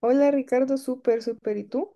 Hola Ricardo, súper, súper. ¿Y tú?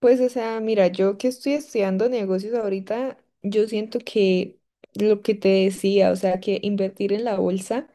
Pues, o sea, mira, yo que estoy estudiando negocios ahorita, yo siento que lo que te decía, o sea, que invertir en la bolsa.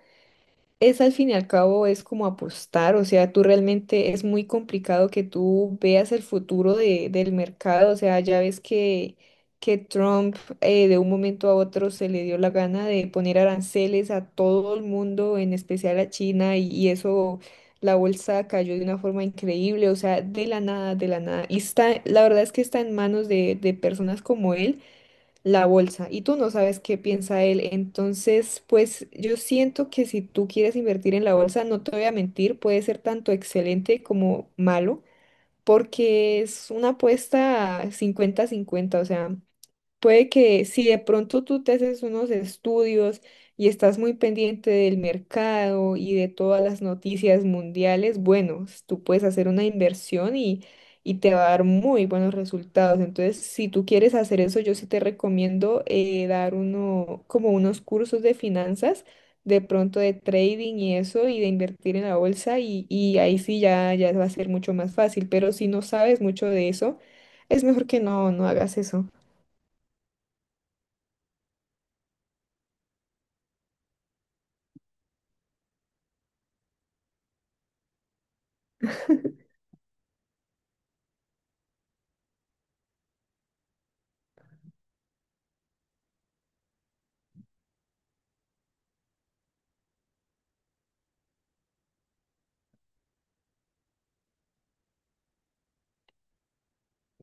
Es al fin y al cabo es como apostar, o sea, tú realmente es muy complicado que tú veas el futuro del mercado, o sea, ya ves que Trump de un momento a otro se le dio la gana de poner aranceles a todo el mundo, en especial a China, y eso, la bolsa cayó de una forma increíble, o sea, de la nada, de la nada. Y está, la verdad es que está en manos de personas como él la bolsa y tú no sabes qué piensa él. Entonces, pues yo siento que si tú quieres invertir en la bolsa, no te voy a mentir, puede ser tanto excelente como malo, porque es una apuesta 50-50, o sea, puede que si de pronto tú te haces unos estudios y estás muy pendiente del mercado y de todas las noticias mundiales, bueno, tú puedes hacer una inversión y te va a dar muy buenos resultados. Entonces, si tú quieres hacer eso, yo sí te recomiendo dar como unos cursos de finanzas, de pronto de trading y eso, y de invertir en la bolsa, y ahí sí ya, va a ser mucho más fácil. Pero si no sabes mucho de eso, es mejor que no, no hagas eso.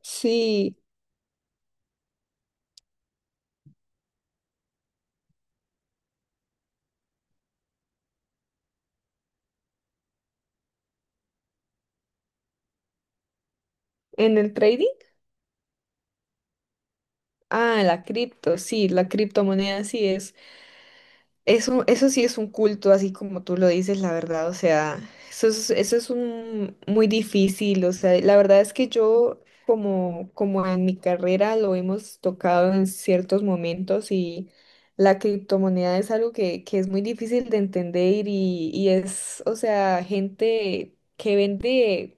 Sí, en el trading. Ah, sí, la criptomoneda sí es. Eso sí es un culto, así como tú lo dices, la verdad, o sea, eso es un muy difícil, o sea, la verdad es que yo, como en mi carrera lo hemos tocado en ciertos momentos y la criptomoneda es algo que, es muy difícil de entender y es, o sea, gente que vende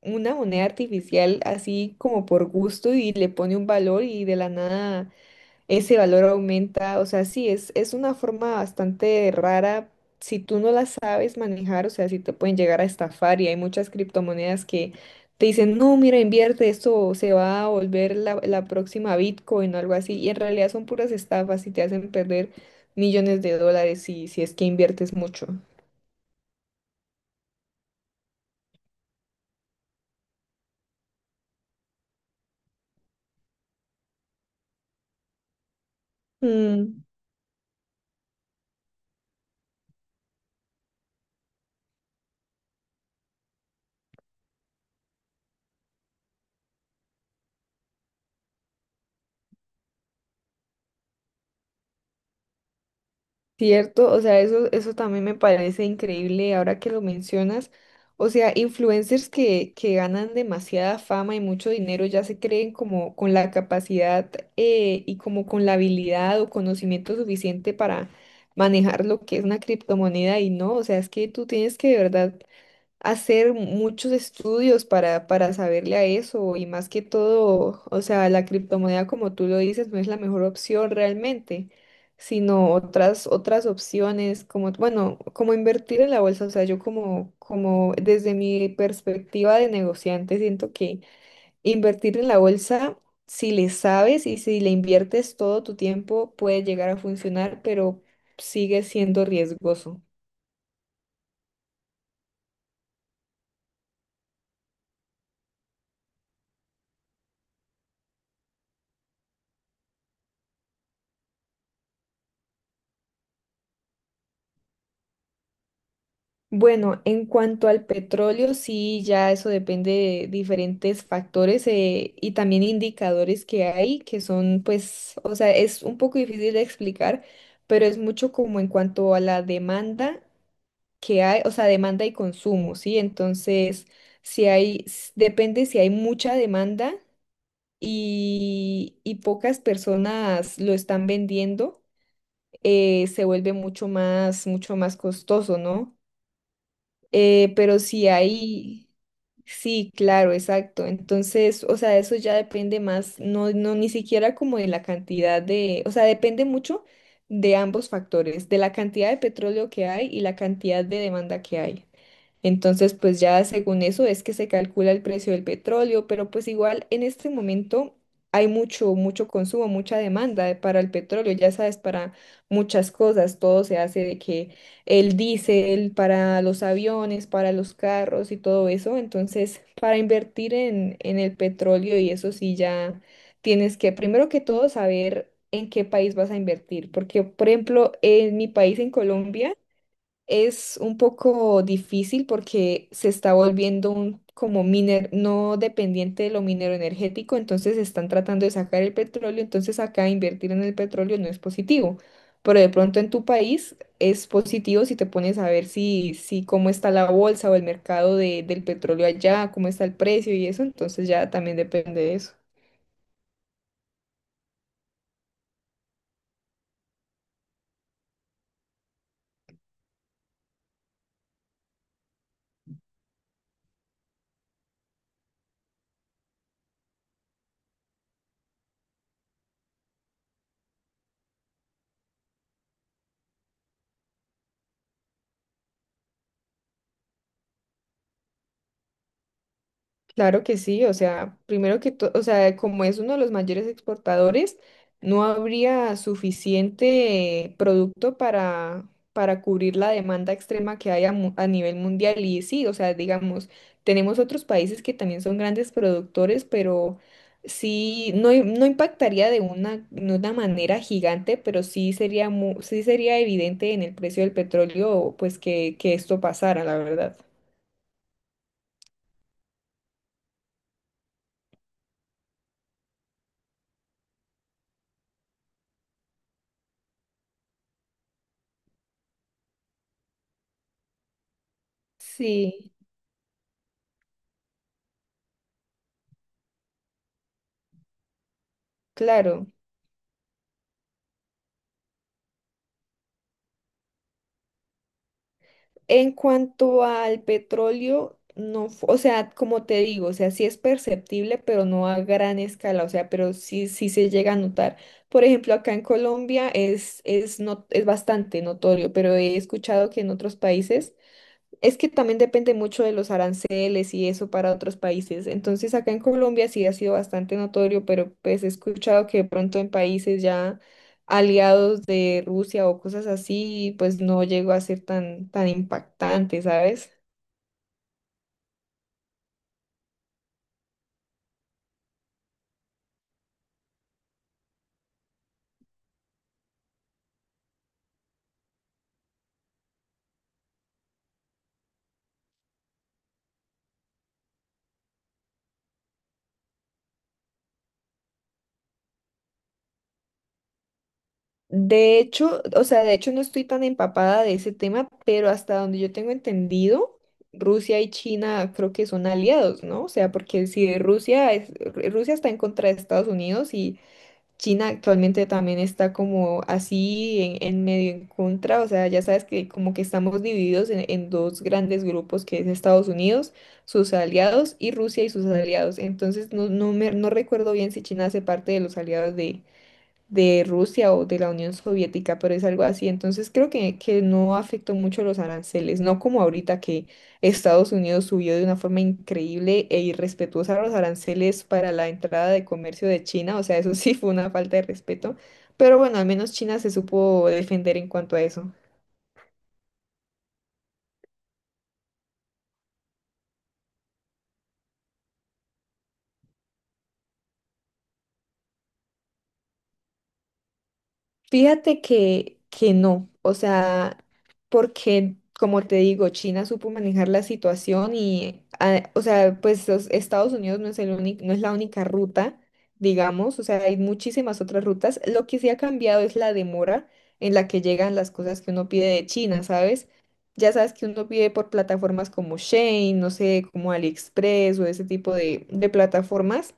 una moneda artificial así como por gusto y le pone un valor y de la nada ese valor aumenta, o sea, sí, es una forma bastante rara. Si tú no la sabes manejar, o sea, si te pueden llegar a estafar y hay muchas criptomonedas que te dicen, no, mira, invierte, esto se va a volver la próxima Bitcoin o algo así, y en realidad son puras estafas y te hacen perder millones de dólares si es que inviertes mucho. Mm. Cierto, o sea, eso también me parece increíble ahora que lo mencionas. O sea, influencers que ganan demasiada fama y mucho dinero ya se creen como con la capacidad y como con la habilidad o conocimiento suficiente para manejar lo que es una criptomoneda y no, o sea, es que tú tienes que de verdad hacer muchos estudios para, saberle a eso y más que todo, o sea, la criptomoneda como tú lo dices no es la mejor opción realmente, sino otras, opciones como, bueno, como invertir en la bolsa, o sea, yo como desde mi perspectiva de negociante siento que invertir en la bolsa, si le sabes y si le inviertes todo tu tiempo, puede llegar a funcionar, pero sigue siendo riesgoso. Bueno, en cuanto al petróleo, sí, ya eso depende de diferentes factores y también indicadores que hay, que son, pues, o sea, es un poco difícil de explicar, pero es mucho como en cuanto a la demanda que hay, o sea, demanda y consumo, ¿sí? Entonces, si hay, depende si hay mucha demanda y pocas personas lo están vendiendo, se vuelve mucho más costoso, ¿no? Pero sí hay, sí, claro, exacto. Entonces, o sea, eso ya depende más, no, no, ni siquiera como de la cantidad de, o sea, depende mucho de ambos factores, de la cantidad de petróleo que hay y la cantidad de demanda que hay. Entonces, pues ya según eso es que se calcula el precio del petróleo, pero pues igual en este momento hay mucho, mucho consumo, mucha demanda para el petróleo, ya sabes, para muchas cosas, todo se hace de que el diésel para los aviones, para los carros y todo eso, entonces para invertir en, el petróleo y eso sí ya tienes que primero que todo saber en qué país vas a invertir, porque por ejemplo, en mi país, en Colombia, es un poco difícil porque se está volviendo un como miner no dependiente de lo minero energético, entonces están tratando de sacar el petróleo, entonces acá invertir en el petróleo no es positivo. Pero de pronto en tu país es positivo si te pones a ver si, si cómo está la bolsa o el mercado del petróleo allá, cómo está el precio y eso, entonces ya también depende de eso. Claro que sí, o sea, primero que todo, o sea, como es uno de los mayores exportadores, no habría suficiente producto para, cubrir la demanda extrema que hay a nivel mundial. Y sí, o sea, digamos, tenemos otros países que también son grandes productores, pero sí, no, no impactaría de una manera gigante, pero sí sería evidente en el precio del petróleo, pues que esto pasara, la verdad. Sí, claro. En cuanto al petróleo, no, o sea, como te digo, o sea, sí es perceptible, pero no a gran escala, o sea, pero sí, sí se llega a notar. Por ejemplo, acá en Colombia no, es bastante notorio, pero he escuchado que en otros países es que también depende mucho de los aranceles y eso para otros países. Entonces, acá en Colombia sí ha sido bastante notorio, pero pues he escuchado que de pronto en países ya aliados de Rusia o cosas así, pues no llegó a ser tan, tan impactante, ¿sabes? De hecho, o sea, de hecho no estoy tan empapada de ese tema, pero hasta donde yo tengo entendido, Rusia y China creo que son aliados, ¿no? O sea, porque si Rusia está en contra de Estados Unidos y China actualmente también está como así en, medio en contra, o sea, ya sabes que como que estamos divididos en dos grandes grupos, que es Estados Unidos, sus aliados, y Rusia y sus aliados. Entonces, no, no recuerdo bien si China hace parte de los aliados de Rusia o de la Unión Soviética, pero es algo así. Entonces creo que no afectó mucho los aranceles, no como ahorita que Estados Unidos subió de una forma increíble e irrespetuosa los aranceles para la entrada de comercio de China, o sea, eso sí fue una falta de respeto, pero bueno, al menos China se supo defender en cuanto a eso. Fíjate que no, o sea, porque como te digo, China supo manejar la situación y, o sea, pues los Estados Unidos no es el único, no es la única ruta, digamos, o sea, hay muchísimas otras rutas. Lo que sí ha cambiado es la demora en la que llegan las cosas que uno pide de China, ¿sabes? Ya sabes que uno pide por plataformas como Shein, no sé, como AliExpress o ese tipo de plataformas.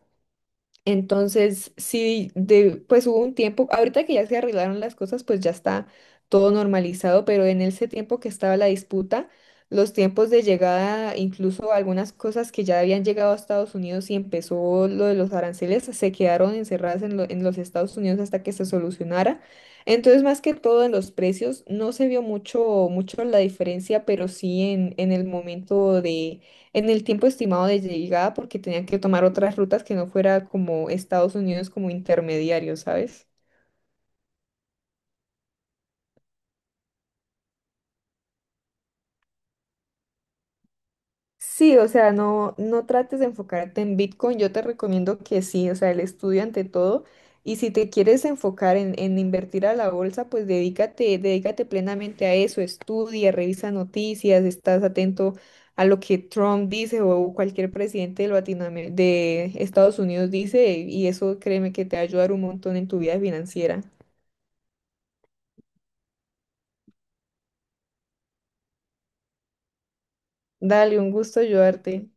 Entonces, sí, de, pues hubo un tiempo, ahorita que ya se arreglaron las cosas, pues ya está todo normalizado, pero en ese tiempo que estaba la disputa, los tiempos de llegada, incluso algunas cosas que ya habían llegado a Estados Unidos y empezó lo de los aranceles, se quedaron encerradas en, en los Estados Unidos hasta que se solucionara. Entonces, más que todo en los precios, no se vio mucho, mucho la diferencia, pero sí en, el momento en el tiempo estimado de llegada porque tenían que tomar otras rutas que no fuera como Estados Unidos como intermediario, ¿sabes? Sí, o sea, no, no trates de enfocarte en Bitcoin. Yo te recomiendo que sí, o sea, el estudio ante todo. Y si te quieres enfocar en, invertir a la bolsa, pues dedícate, dedícate plenamente a eso. Estudia, revisa noticias, estás atento a lo que Trump dice o cualquier presidente de Estados Unidos dice. Y eso créeme que te va a ayudar un montón en tu vida financiera. Dale, un gusto ayudarte.